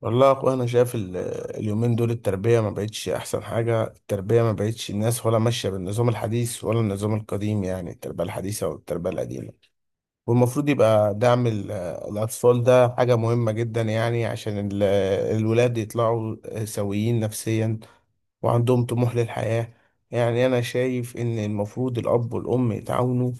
والله يا اخويا انا شايف اليومين دول التربيه ما بقتش احسن حاجه. التربيه ما بقتش الناس ولا ماشيه بالنظام الحديث ولا النظام القديم، يعني التربيه الحديثه والتربيه القديمه. والمفروض يبقى دعم الاطفال، ده حاجه مهمه جدا يعني، عشان الولاد يطلعوا سويين نفسيا وعندهم طموح للحياة. يعني أنا شايف إن المفروض الأب والأم يتعاونوا،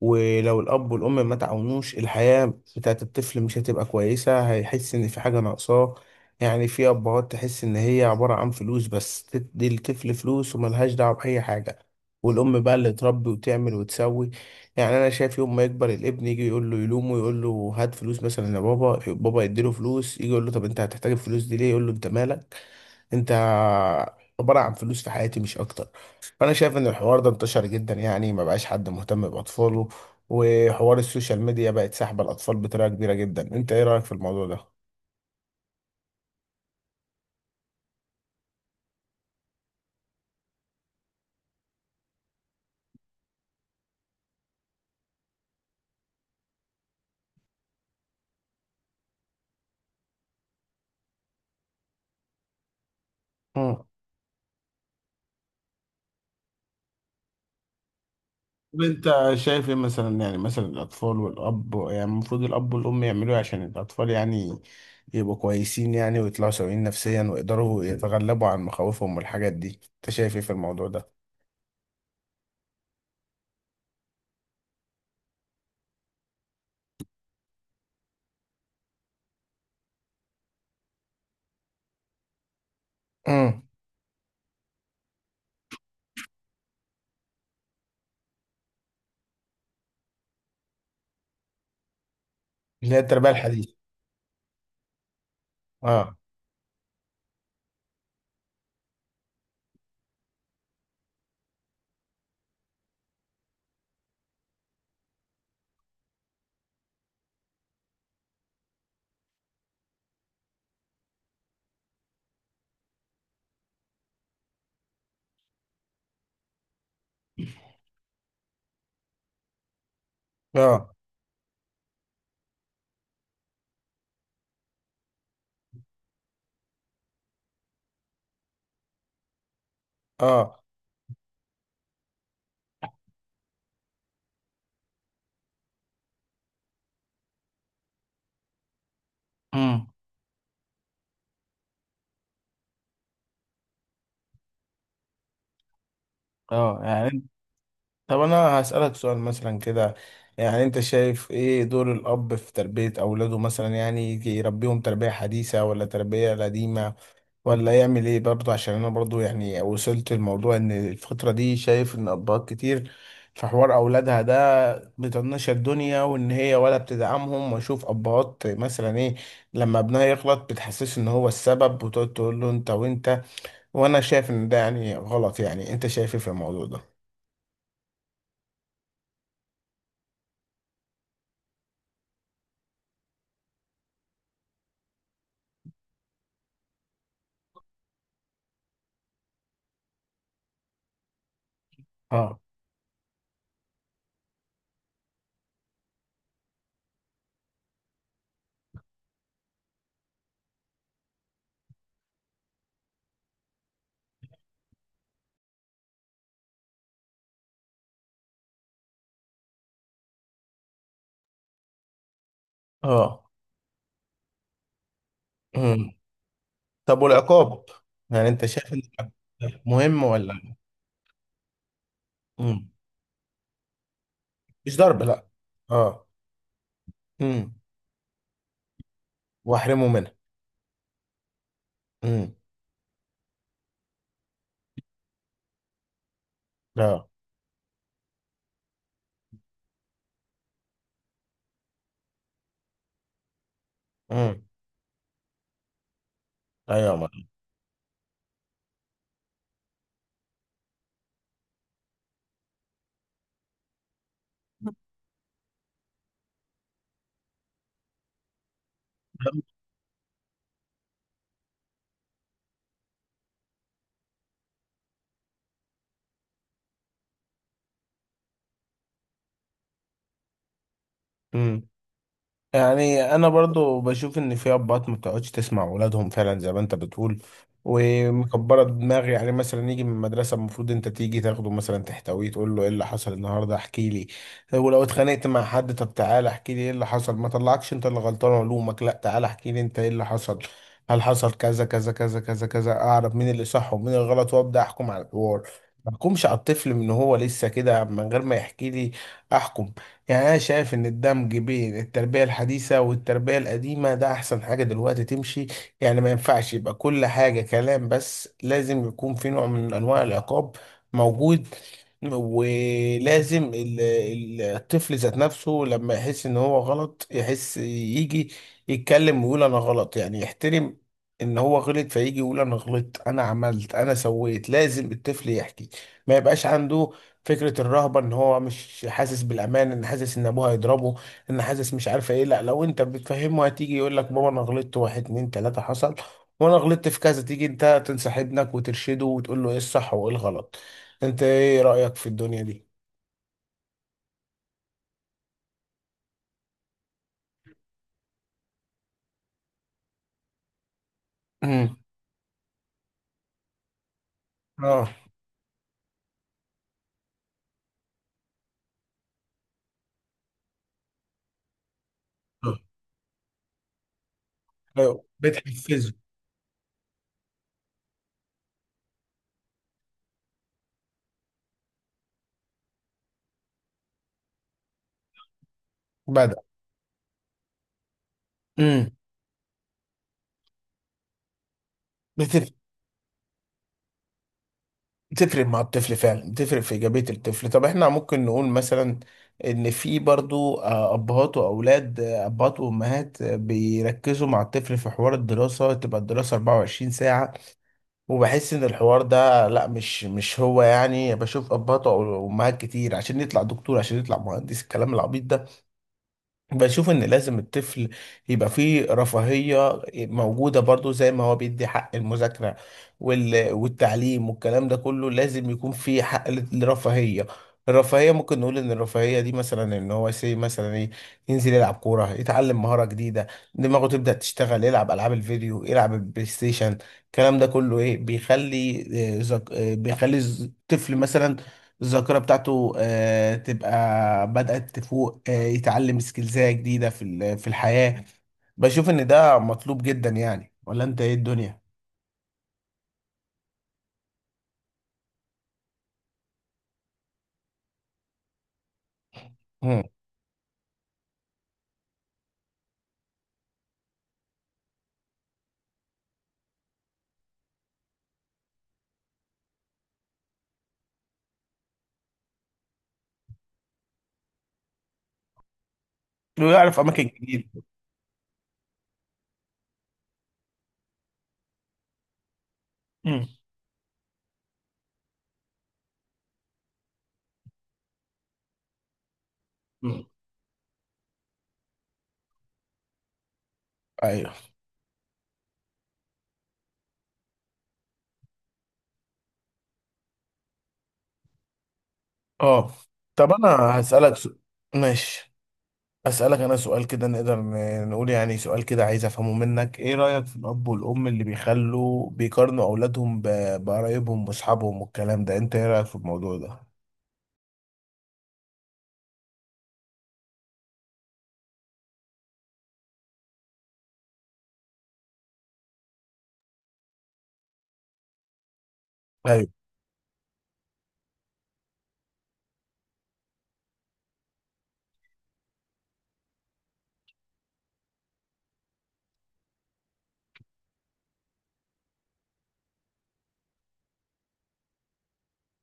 ولو الأب والأم ما تعاونوش الحياة بتاعت الطفل مش هتبقى كويسة، هيحس إن في حاجة ناقصاه. يعني في أبهات تحس إن هي عبارة عن فلوس بس، تدي الطفل فلوس وملهاش دعوة بأي حاجة، والأم بقى اللي تربي وتعمل وتسوي. يعني أنا شايف يوم ما يكبر الابن يجي يقول له يلومه، يقول له هات فلوس مثلا يا بابا، بابا يديله فلوس، يجي يقول له طب أنت هتحتاج الفلوس دي ليه، يقول له أنت مالك، انت عبارة عن فلوس في حياتي مش اكتر. فانا شايف ان الحوار ده انتشر جدا، يعني ما بقاش حد مهتم باطفاله. وحوار السوشيال ميديا بقت ساحبة الاطفال بطريقة كبيرة جدا. انت ايه رأيك في الموضوع ده؟ مم. طب انت شايف ايه مثلا، يعني مثلا الاطفال والاب، يعني المفروض الاب والام يعملوا ايه عشان الاطفال يعني يبقوا كويسين، يعني ويطلعوا سويين نفسيا ويقدروا يتغلبوا عن مخاوفهم والحاجات دي. انت شايف ايه في الموضوع ده؟ مم. اللي هي التربية الحديثة. اه. اه. اه. مم. اه يعني. طب انا هسألك سؤال مثلا كده، يعني انت شايف ايه دور الاب في تربية اولاده مثلا، يعني يجي يربيهم تربية حديثة ولا تربية قديمة، ولا يعمل ايه برضه؟ عشان انا برضه يعني وصلت الموضوع ان الفترة دي شايف ان ابهات كتير في حوار اولادها ده بتطنش الدنيا، وان هي ولا بتدعمهم. واشوف ابهات مثلا ايه، لما ابنها يغلط بتحسسه ان هو السبب، وتقعد تقول له انت وانت. وانا شايف ان ده يعني غلط. يعني انت شايف ايه في الموضوع ده؟ اه. اه. مم. طب والعقاب، يعني انت شايف ان العقاب مهم ولا لا؟ مم. مش ضرب لا. اه. مم. واحرمه منها. مم. اه. مم. ايوه يا مريم. يعني انا برضو بشوف ان في ابات ما بتقعدش تسمع اولادهم فعلا زي ما انت بتقول، ومكبره دماغي. يعني مثلا يجي من المدرسه المفروض انت تيجي تاخده مثلا تحتويه، تقول له ايه اللي حصل النهارده، احكي لي. ولو اتخانقت مع حد طب تعالى احكي لي ايه اللي حصل، ما طلعكش انت اللي غلطان علومك، لا تعالى احكي لي انت ايه اللي حصل، هل حصل كذا كذا كذا كذا كذا، اعرف مين اللي صح ومين الغلط وابدا احكم على الحوار. ما احكمش على الطفل من هو لسه كده من غير ما يحكي لي احكم. يعني أنا شايف إن الدمج بين التربية الحديثة والتربية القديمة ده أحسن حاجة دلوقتي تمشي. يعني ما ينفعش يبقى كل حاجة كلام بس، لازم يكون في نوع من أنواع العقاب موجود. ولازم الطفل ذات نفسه لما يحس ان هو غلط يحس يجي يتكلم ويقول انا غلط، يعني يحترم ان هو غلط، فيجي يقول انا غلطت انا عملت انا سويت. لازم الطفل يحكي، ما يبقاش عنده فكرة الرهبة ان هو مش حاسس بالامان، ان حاسس ان ابوه هيضربه، ان حاسس مش عارفة ايه. لا لو انت بتفهمه هتيجي يقول لك بابا انا غلطت واحد اتنين تلاتة حصل، وانا غلطت في كذا، تيجي انت تنصح ابنك وترشده وتقول له ايه الصح وايه الغلط. انت ايه رأيك في الدنيا دي؟ امم. اه. لو بتحفزه. بدأ. امم. بتف- بتفرق مع الطفل فعلا، بتفرق في إيجابية الطفل. طب احنا ممكن نقول مثلا ان في برضو ابهات واولاد، ابهات وامهات، بيركزوا مع الطفل في حوار الدراسة، تبقى الدراسة 24 ساعة، وبحس ان الحوار ده لا، مش هو. يعني بشوف ابهات وامهات كتير عشان يطلع دكتور، عشان يطلع مهندس، الكلام العبيط. بشوف ان لازم الطفل يبقى فيه رفاهية موجودة برضو، زي ما هو بيدي حق المذاكرة والتعليم والكلام ده كله، لازم يكون فيه حق الرفاهية. الرفاهية ممكن نقول ان الرفاهية دي مثلا ان هو سي مثلا ايه، ينزل يلعب كورة، يتعلم مهارة جديدة، دماغه تبدأ تشتغل، يلعب العاب الفيديو، يلعب البلاي ستيشن. الكلام ده كله ايه بيخلي بيخلي الطفل مثلا الذاكرة بتاعته تبقى بدأت تفوق، يتعلم سكيلزات جديدة في الحياة. بشوف إن ده مطلوب جدا يعني، ولا أنت إيه الدنيا؟ مم. لو يعرف أماكن جديدة. مم. مم. أيوه. أه. طب أنا هسألك سؤال، ماشي؟ أسألك أنا سؤال كده، نقدر نقول يعني سؤال كده عايز أفهمه منك، إيه رأيك في الأب والأم اللي بيخلوا بيقارنوا أولادهم بقرايبهم وأصحابهم والكلام ده؟ أنت إيه رأيك في الموضوع ده؟ أيوه.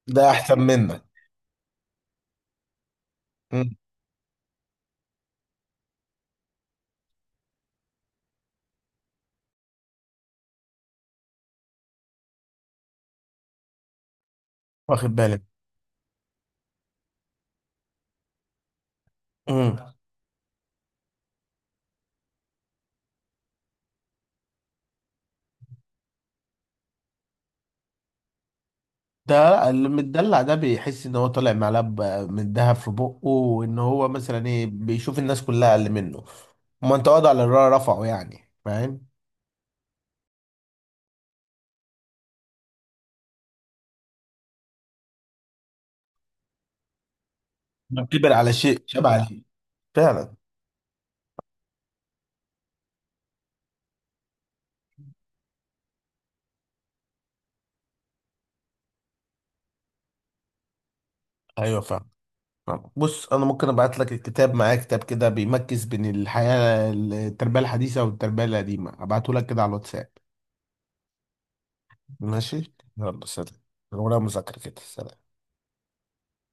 ده أحسن منك. واخد بالك. امم. ده اللي متدلع ده بيحس ان هو طالع معلقه من دهب في بقه، وان هو مثلا ايه بيشوف الناس كلها اقل منه. ما انت وضع رفعه يعني، فاهم. ما كبر على شيء شبع عليه. فعلا. ايوه فعلا. بص انا ممكن ابعت لك الكتاب معايا، كتاب كده بيمكس بين الحياه التربيه الحديثه والتربيه القديمه. ابعته لك كده على الواتساب. ماشي يلا سلام. ولا مذاكره كده، سلام.